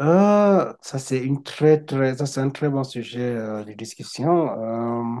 Ça, c'est une très, très, ça, c'est un très bon sujet de discussion. Euh,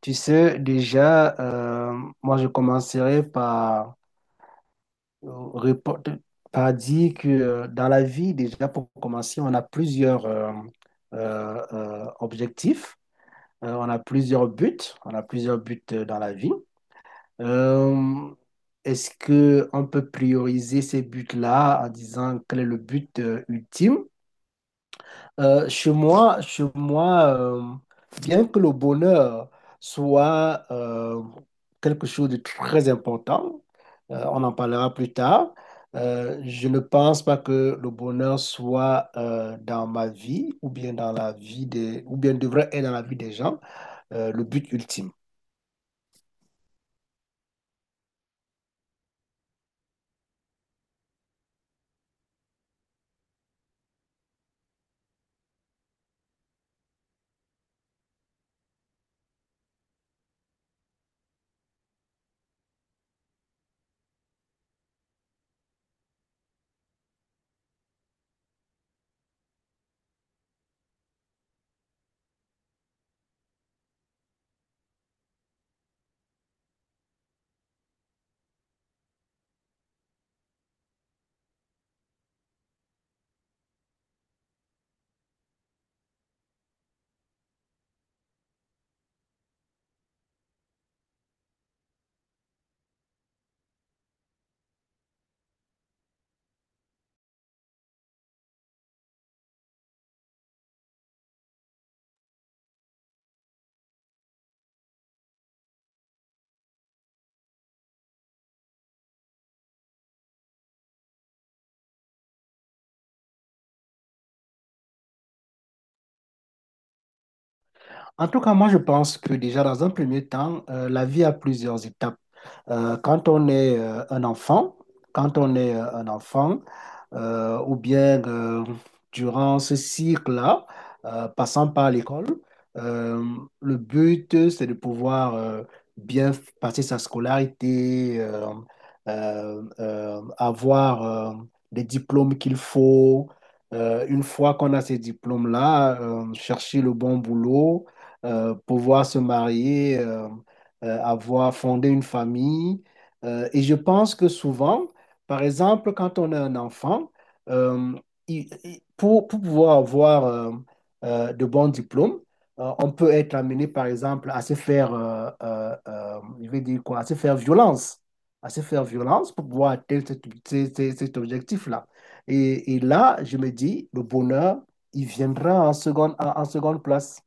Tu sais, déjà, moi, je commencerai par, euh, répondre- par dire que dans la vie, déjà, pour commencer, on a plusieurs objectifs. On a plusieurs buts, on a plusieurs buts dans la vie. Euh, Est-ce que on peut prioriser ces buts-là en disant quel est le but ultime? Chez moi, bien que le bonheur soit quelque chose de très important, on en parlera plus tard, je ne pense pas que le bonheur soit dans ma vie ou bien dans la vie des, ou bien devrait être dans la vie des gens, le but ultime. En tout cas, moi, je pense que déjà dans un premier temps, la vie a plusieurs étapes. Quand on est un enfant, quand on est euh, un enfant, ou bien durant ce cycle-là, passant par l'école, euh, le but, c'est de pouvoir bien passer sa scolarité, avoir les diplômes qu'il faut. Une fois qu'on a ces diplômes-là, chercher le bon boulot, pouvoir se marier, avoir fondé une famille. Et je pense que souvent, par exemple, quand on a un enfant, euh, pour pouvoir avoir de bons diplômes, on peut être amené, par exemple, à se faire, je vais dire quoi, à se faire violence, à se faire violence pour pouvoir atteindre cet objectif-là. Et là, je me dis, le bonheur, il viendra en seconde, en seconde place.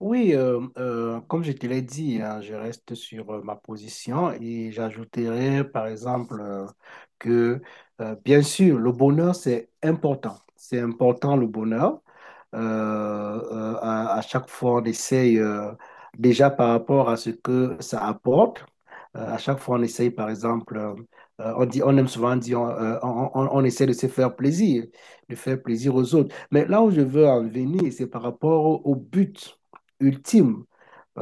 Oui, comme je te l'ai dit, hein, je reste sur ma position et j'ajouterai par exemple que, bien sûr, le bonheur, c'est important. C'est important le bonheur, à chaque fois, on essaye, déjà par rapport à ce que ça apporte, à chaque fois, on essaye, par exemple, on dit, on aime souvent dire, on essaie de se faire plaisir, de faire plaisir aux autres. Mais là où je veux en venir, c'est par rapport au, au but ultime.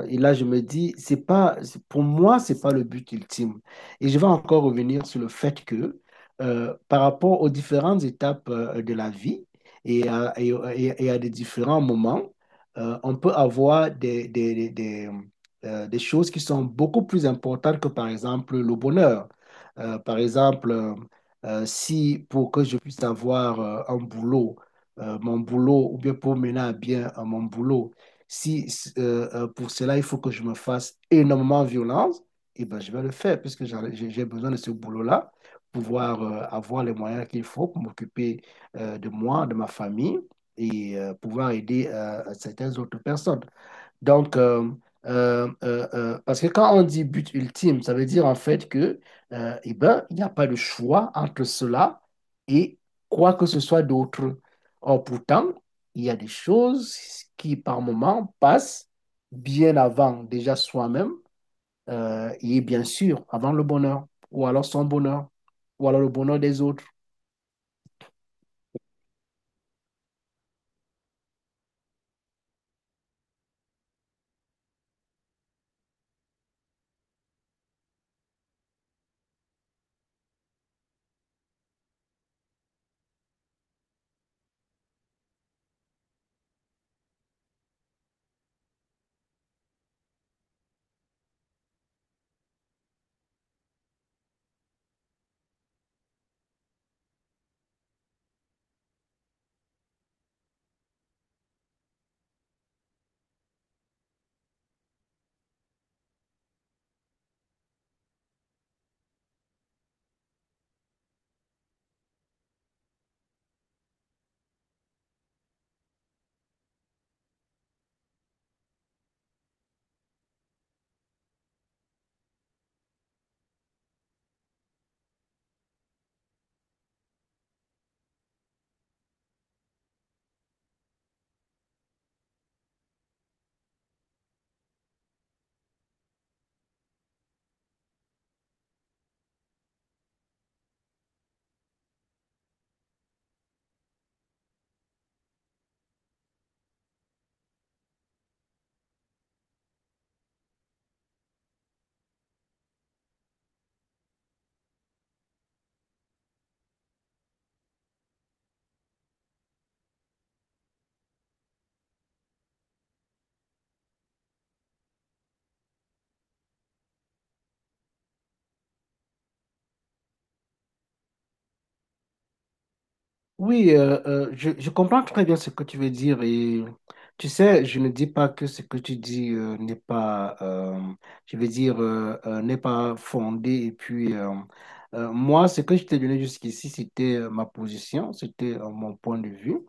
Et là, je me dis, c'est pas, pour moi, c'est pas le but ultime. Et je vais encore revenir sur le fait que, par rapport aux différentes étapes de la vie et à, et- à des différents moments, on peut avoir des choses qui sont beaucoup plus importantes que, par exemple, le bonheur. Par exemple, si pour que je puisse avoir un boulot, mon boulot, ou bien pour mener à bien mon boulot, si, pour cela, il faut que je me fasse énormément violence, eh ben, je vais le faire puisque j'ai besoin de ce boulot-là, pouvoir avoir les moyens qu'il faut pour m'occuper de moi, de ma famille et pouvoir aider certaines autres personnes. Donc, parce que quand on dit but ultime, ça veut dire en fait que, eh ben, il n'y a pas de choix entre cela et quoi que ce soit d'autre. Or, pourtant, il y a des choses qui, par moment, passent bien avant déjà soi-même et bien sûr avant le bonheur, ou alors son bonheur, ou alors le bonheur des autres. Oui, je comprends très bien ce que tu veux dire et tu sais, je ne dis pas que ce que tu dis n'est pas, je veux dire, n'est pas fondé. Et puis, moi, ce que je t'ai donné jusqu'ici, c'était ma position, c'était mon point de vue.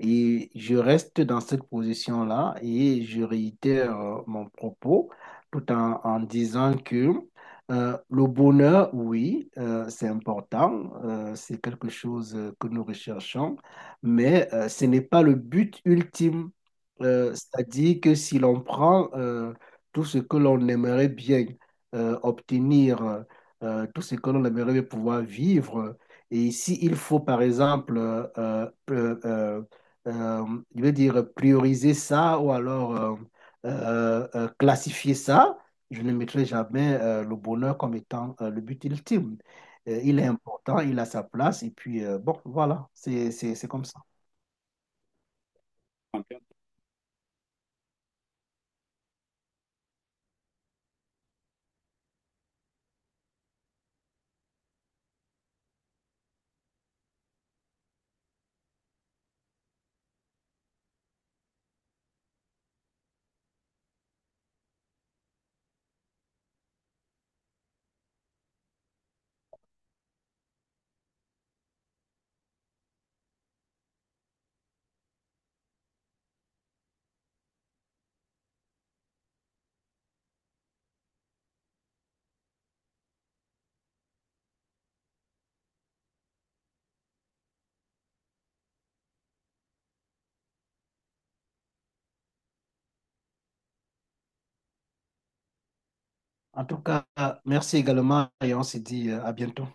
Et je reste dans cette position-là et je réitère mon propos tout en, en disant que… Le bonheur, oui, c'est important, c'est quelque chose que nous recherchons, mais ce n'est pas le but ultime. C'est-à-dire que si l'on prend tout ce que l'on aimerait bien obtenir, tout ce que l'on aimerait bien pouvoir vivre, et s'il faut, par exemple, euh, euh, je veux dire, prioriser ça ou alors classifier ça, je ne mettrai jamais le bonheur comme étant le but ultime. Il est important, il a sa place, et puis bon, voilà, c'est comme ça. En tout cas, merci également et on se dit à bientôt.